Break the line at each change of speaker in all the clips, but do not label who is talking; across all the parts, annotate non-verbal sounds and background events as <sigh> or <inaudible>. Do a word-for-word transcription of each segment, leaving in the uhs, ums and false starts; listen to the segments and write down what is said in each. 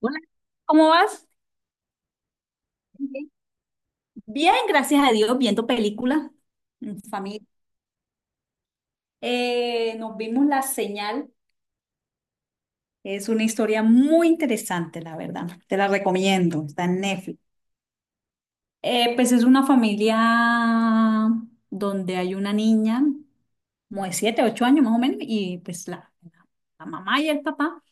Hola, ¿cómo vas? Andy. Bien, gracias a Dios, viendo películas en familia. Eh, nos vimos La Señal. Es una historia muy interesante, la verdad. Te la recomiendo. Está en Netflix. Eh, pues es una familia donde hay una niña, como de siete, ocho años más o menos, y pues la, la mamá y el papá.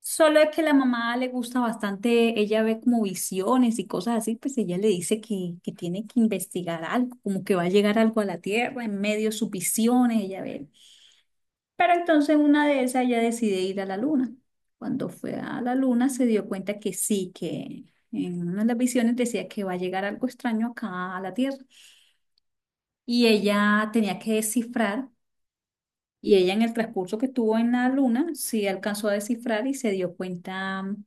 Solo es que la mamá le gusta bastante, ella ve como visiones y cosas así, pues ella le dice que, que tiene que investigar algo, como que va a llegar algo a la Tierra en medio de sus visiones, ella ve. Pero entonces una de esas ella decide ir a la Luna. Cuando fue a la Luna se dio cuenta que sí, que en una de las visiones decía que va a llegar algo extraño acá a la Tierra y ella tenía que descifrar. Y ella en el transcurso que estuvo en la luna, sí alcanzó a descifrar y se dio cuenta, mm,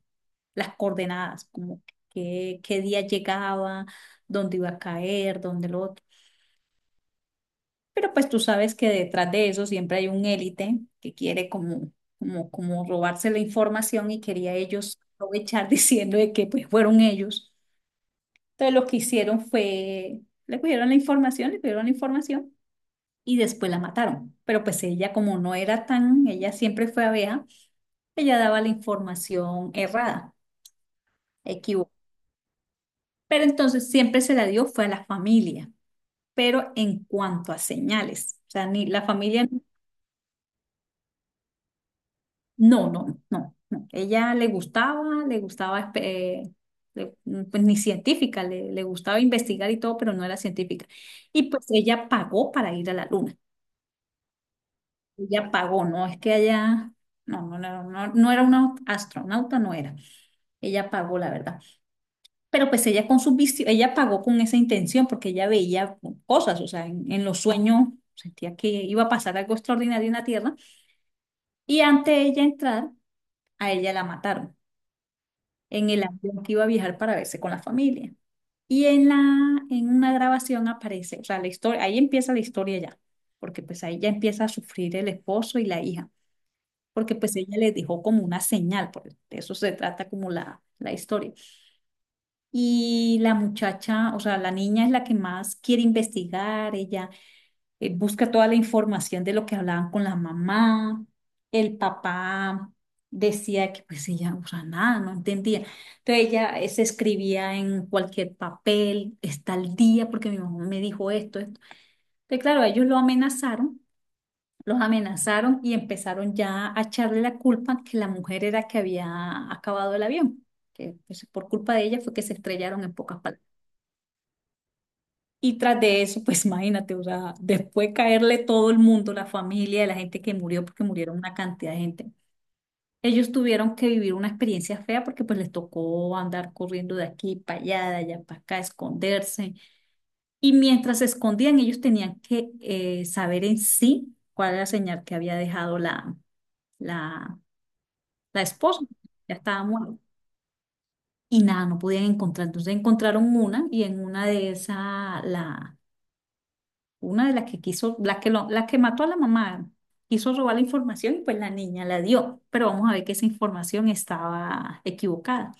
las coordenadas, como qué, qué día llegaba, dónde iba a caer, dónde lo otro. Pero pues tú sabes que detrás de eso siempre hay un élite que quiere como, como, como robarse la información y quería ellos aprovechar <laughs> diciendo de que pues fueron ellos. Entonces lo que hicieron fue, le cogieron la información, le pidieron la información y después la mataron. Pero pues ella como no era tan, ella siempre fue abeja. Ella daba la información errada, equivocada. Pero entonces siempre se la dio fue a la familia, pero en cuanto a señales, o sea, ni la familia, no, no, no, no. Ella le gustaba, le gustaba, eh, le- pues ni científica, le, le gustaba investigar y todo, pero no era científica. Y pues ella pagó para ir a la luna, ella pagó, no es que ella, no, no, no, no, no era una astronauta, no era, ella pagó, la verdad. Pero pues ella con sus visti- ella pagó con esa intención porque ella veía cosas, o sea, en, en los sueños sentía que iba a pasar algo extraordinario en la Tierra y antes de ella entrar, a ella la mataron en el avión que iba a viajar para verse con la familia. Y en la, en una grabación aparece, o sea, la historia, ahí empieza la historia ya, porque pues ahí ya empieza a sufrir el esposo y la hija, porque pues ella le dejó como una señal, por de eso se trata como la, la historia. Y la muchacha, o sea, la niña es la que más quiere investigar, ella, eh, busca toda la información de lo que hablaban con la mamá, el papá decía que pues ella, o sea, nada, no entendía. Entonces ella, eh, se escribía en cualquier papel, está al día porque mi mamá me dijo esto, esto. Entonces, claro, ellos lo amenazaron, los amenazaron y empezaron ya a echarle la culpa que la mujer era que había acabado el avión, que pues, por culpa de ella fue que se estrellaron en pocas palabras. Y tras de eso, pues <laughs> imagínate, o sea, después caerle todo el mundo, la familia, la gente que murió, porque murieron una cantidad de gente. Ellos tuvieron que vivir una experiencia fea porque pues les tocó andar corriendo de aquí para allá, de allá para acá, esconderse. Y mientras se escondían, ellos tenían que, eh, saber en sí cuál era la señal que había dejado la, la, la esposa. Ya estaba muerta. Y nada, no podían encontrar. Entonces encontraron una y en una de esas una de las que quiso, la que, lo- la que mató a la mamá, quiso robar la información y pues la niña la dio, pero vamos a ver que esa información estaba equivocada.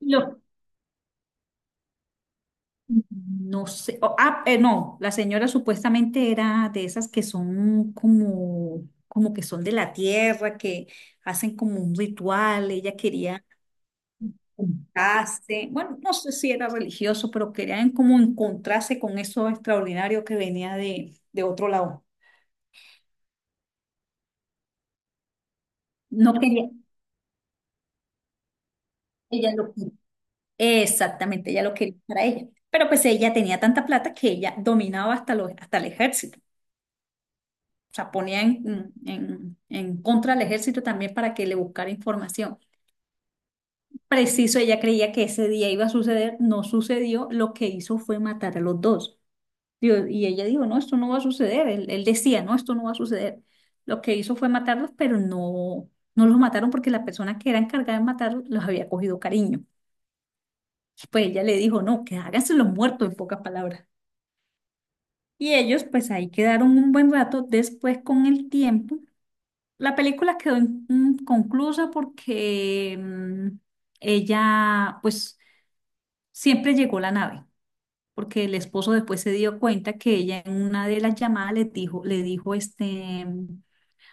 Lo- no sé, o- ah, eh, no, la señora supuestamente era de esas que son como, como, que son de la tierra, que hacen como un ritual, ella quería juntarse, bueno, no sé si era religioso, pero querían como encontrarse con eso extraordinario que venía de, de otro lado. No quería, ella lo. Exactamente, ella lo quería para ella. Pero pues ella tenía tanta plata que ella dominaba hasta, los, hasta el ejército. O sea, ponía en, en, en contra al ejército también para que le buscara información. Preciso, ella creía que ese día iba a suceder, no sucedió, lo que hizo fue matar a los dos. Digo. Y ella dijo, no, esto no va a suceder. Él, él decía, no, esto no va a suceder. Lo que hizo fue matarlos, pero no, no los mataron porque la persona que era encargada de matarlos los había cogido cariño. Pues ella le dijo, no, que háganse los muertos en pocas palabras. Y ellos pues ahí quedaron un buen rato. Después con el tiempo, la película quedó in- inconclusa porque, mm, ella pues siempre llegó la nave, porque el esposo después se dio cuenta que ella en una de las llamadas le dijo, le dijo este: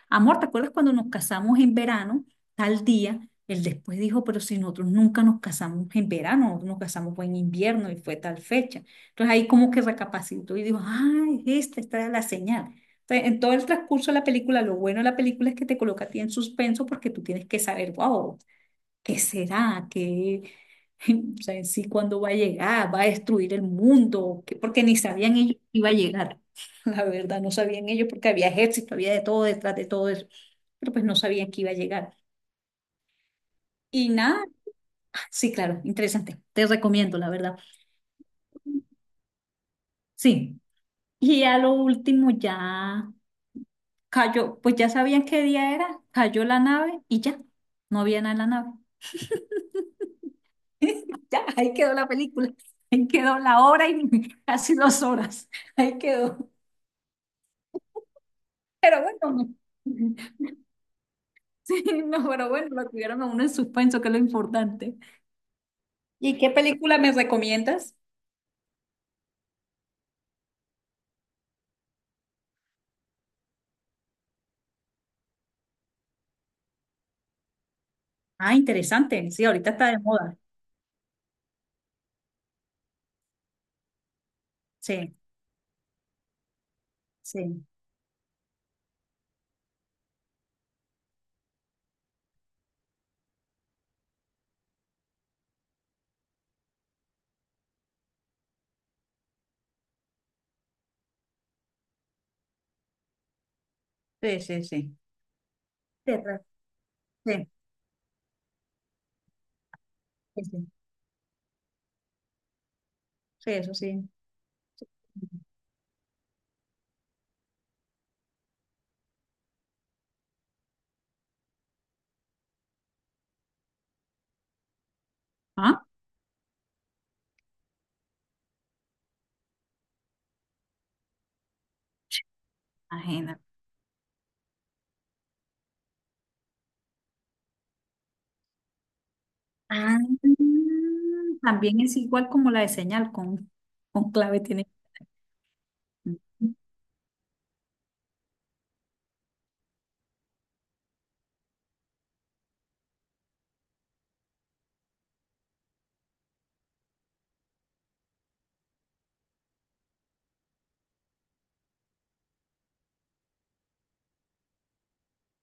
amor, ¿te acuerdas cuando nos casamos en verano, tal día? Él después dijo, pero si nosotros nunca nos casamos en verano, nosotros nos casamos fue en invierno y fue tal fecha. Entonces ahí como que recapacitó y dijo, ay, esta, esta era la señal. Entonces, en todo el transcurso de la película, lo bueno de la película es que te coloca a ti en suspenso porque tú tienes que saber, wow, ¿qué será? ¿Qué, <laughs> o sea, en sí cuándo va a llegar? ¿Va a destruir el mundo? ¿Qué? Porque ni sabían ellos que iba a llegar. <laughs> La verdad, no sabían ellos porque había ejército, había de todo detrás de todo eso. Pero pues no sabían que iba a llegar. Y nada, <laughs> sí, claro, interesante. Te recomiendo, la verdad. Sí. Y a lo último ya cayó, pues ya sabían qué día era, cayó la nave y ya, no había nada en la nave. <laughs> Ya, ahí quedó la película, ahí quedó la hora y <laughs> casi dos horas, ahí quedó. Pero bueno, <laughs> sí, no, pero bueno, lo tuvieron a uno en suspenso, que es lo importante. ¿Y qué película me recomiendas? Ah, interesante, sí, ahorita está de moda. Sí, sí, sí, sí, sí. Terra, sí, sí, sí, sí, eso sí. ¿Ah? Ajena. Ah, también es igual como la de señal con, con, clave tiene.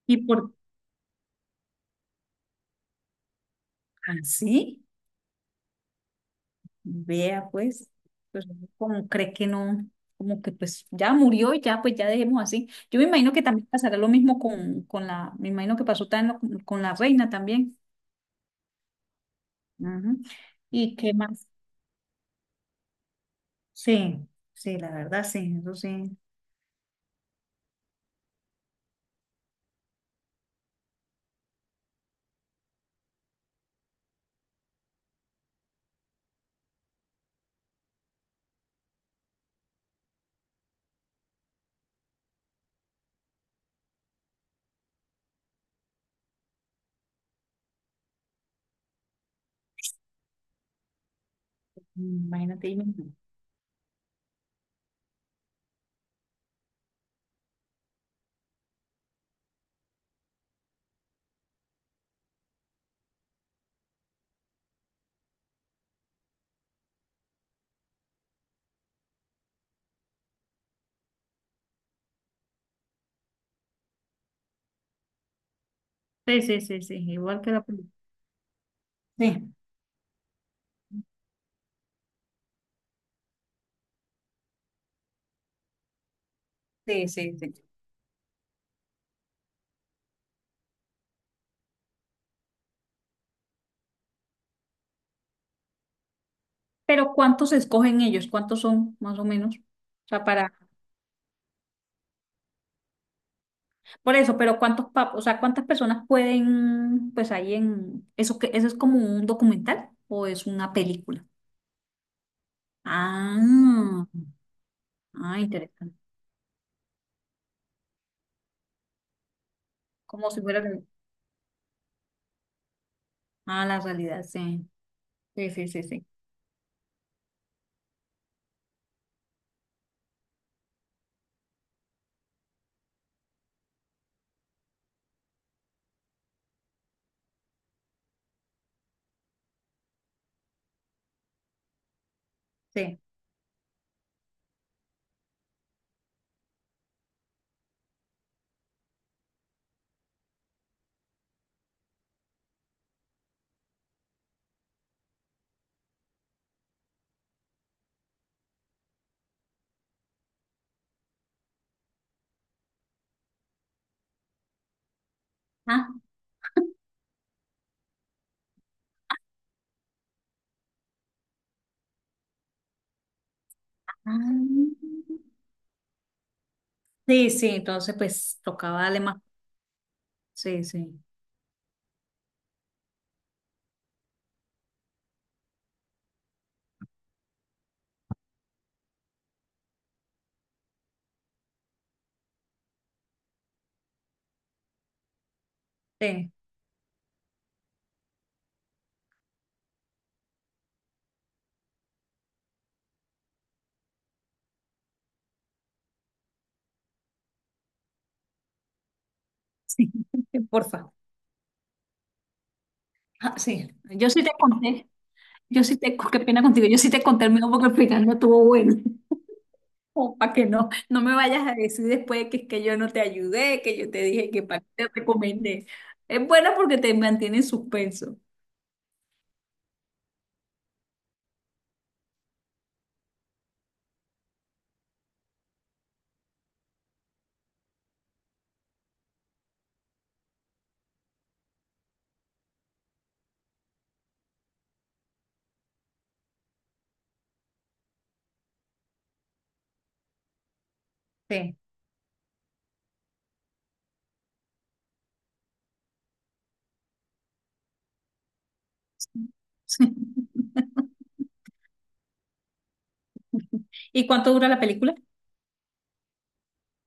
¿Y por así? Vea, pues, pues uno como cree que no, como que pues ya murió y ya, pues ya dejemos así. Yo me imagino que también pasará lo mismo con, con la, me imagino que pasó también lo- con, la reina también. Ujú. ¿Y qué más? Sí, sí, la verdad, sí, eso sí. Imagínate. y- Sí, sí, sí, sí, igual que la película. Sí, sí, sí, sí. Pero ¿cuántos escogen ellos? ¿Cuántos son, más o menos? O sea, para. Por eso, pero ¿cuántos papos, o sea, cuántas personas pueden, pues ahí en, eso que, eso es como un documental o es una película? Ah, ah, interesante. Como si fuera, real- ah, la realidad, sí. Sí, sí, sí, sí. Sí. Ah, ah. Sí, sí, entonces pues tocaba darle más. Sí, sí, sí, sí, <laughs> porfa. Ah, sí, yo sí te conté, yo sí te, qué pena contigo, yo sí te conté el mío porque el final no estuvo bueno. O para que no, no me vayas a decir después que es que yo no te ayudé, que yo te dije que para qué te recomendé. Es buena porque te mantiene en suspenso. Sí. <laughs> ¿Y cuánto dura la película?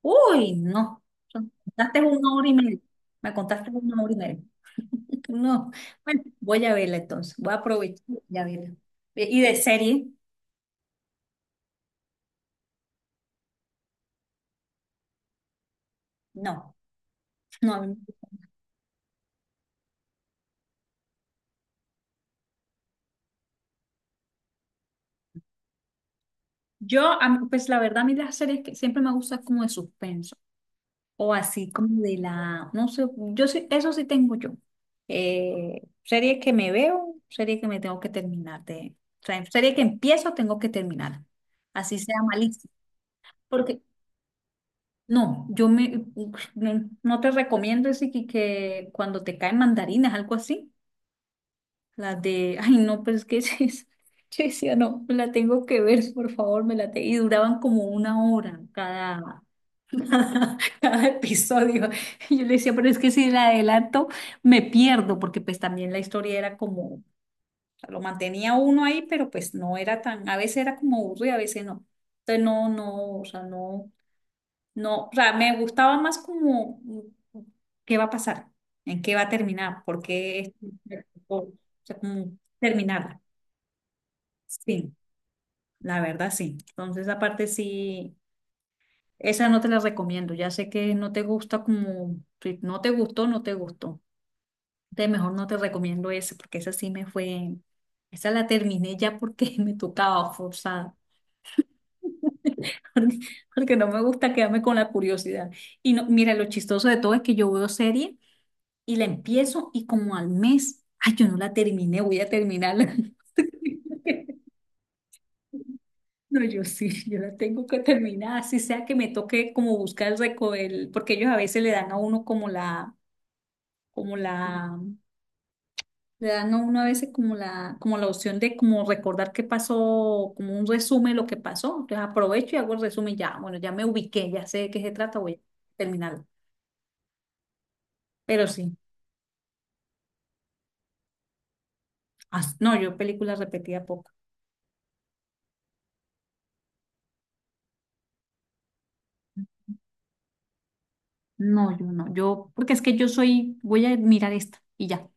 Uy, no. Me contaste una hora y media. Me contaste una hora y media. No. Bueno, voy a verla entonces. Voy a aprovechar y a verla. ¿Y de serie? No. No. Yo, a mí, pues la verdad, a mí las series que siempre me gustan como de suspenso. O así como de la, no sé, yo sí, eso sí tengo yo. Eh, serie que me veo, serie que me tengo que terminar de, o sea, serie que empiezo, tengo que terminar. Así sea malísimo. Porque, no, yo me, no, no te recomiendo ese que, que cuando te caen mandarinas, algo así. La de, ay, no, pero es que <laughs> es, es- yo decía, no, me la tengo que ver, por favor, me la te. Y duraban como una hora cada, <laughs> cada episodio. Y yo le decía, pero es que si la adelanto, me pierdo, porque pues también la historia era como, lo mantenía uno ahí, pero pues no era tan, a veces era como aburrido, a veces no. Entonces no, no, o sea, no, no, o sea, me gustaba más como, mm, qué va a pasar, en qué va a terminar, por qué, es- o sea, como terminarla. Sí, la verdad sí. Entonces aparte sí. Esa no te la recomiendo. Ya sé que no te gusta como, si no te gustó, no te gustó. De mejor no te recomiendo esa, porque esa sí me fue, esa la terminé ya porque <laughs> me tocaba forzada. <laughs> Porque, porque no me gusta quedarme con la curiosidad. Y no, mira, lo chistoso de todo es que yo veo serie y la empiezo y como al mes, ay, yo no la terminé, voy a terminarla. <laughs> No, yo sí, yo la tengo que terminar, así sea que me toque como buscar el, reco- el- porque ellos a veces le dan a uno como la como la, le dan a uno a veces como la, como la opción de como recordar qué pasó, como un resumen de lo que pasó. Entonces aprovecho y hago el resumen ya, bueno, ya me ubiqué, ya sé de qué se trata, voy a terminarlo. Pero sí, as- no, yo películas repetía poco. No, yo no, yo, porque es que yo soy, voy a mirar esta y ya. O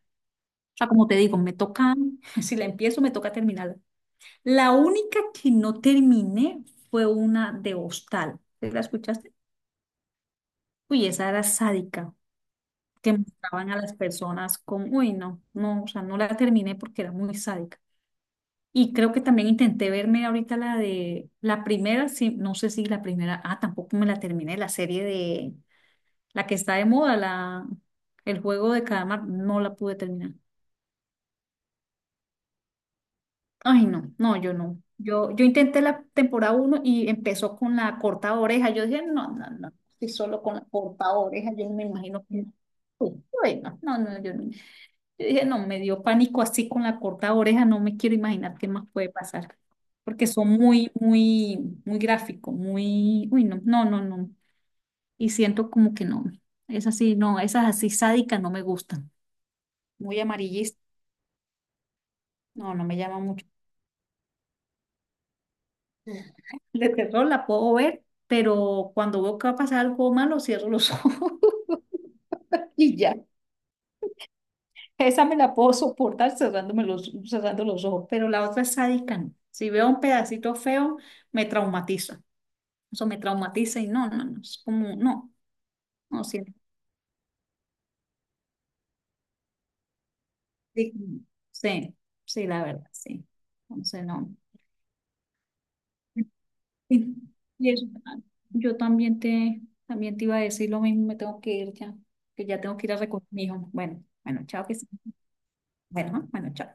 sea, como te digo, me toca, <laughs> si la empiezo, me toca terminarla. La única que no terminé fue una de Hostal. ¿La escuchaste? Uy, esa era sádica. Que mostraban a las personas con, uy, no, no, o sea, no la terminé porque era muy sádica. Y creo que también intenté verme ahorita la de la primera, sí, no sé si la primera, ah, tampoco me la terminé, la serie de la que está de moda, la el juego de calamar, no la pude terminar. Ay, no, no, yo no. Yo, yo intenté la temporada uno y empezó con la corta oreja. Yo dije, no, no, no, si solo con la corta oreja, yo me imagino que no. Uy, uy, no, no, no, yo no. Yo dije, no, me dio pánico así con la corta oreja, no me quiero imaginar qué más puede pasar, porque son muy, muy, muy gráficos, muy, uy, no, no, no, no. Y siento como que no, es así, no, esas así sádicas no me gustan, muy amarillistas, no, no me llama mucho. De terror la puedo ver, pero cuando veo que va a pasar algo malo, cierro los ojos <laughs> y ya. Esa me la puedo soportar cerrándome los, cerrando los ojos, pero la otra es sádica, no. Si veo un pedacito feo, me traumatiza. Eso me traumatiza y no, no, no, es como, no, no, sí, sí, sí, sí, la verdad, sí. Entonces, no. Y, y eso, ah, yo también te, también te iba a decir lo mismo, me tengo que ir ya, que ya tengo que ir a recoger a mi hijo. Bueno, bueno, chao, que sí. Bueno, ah, bueno, chao.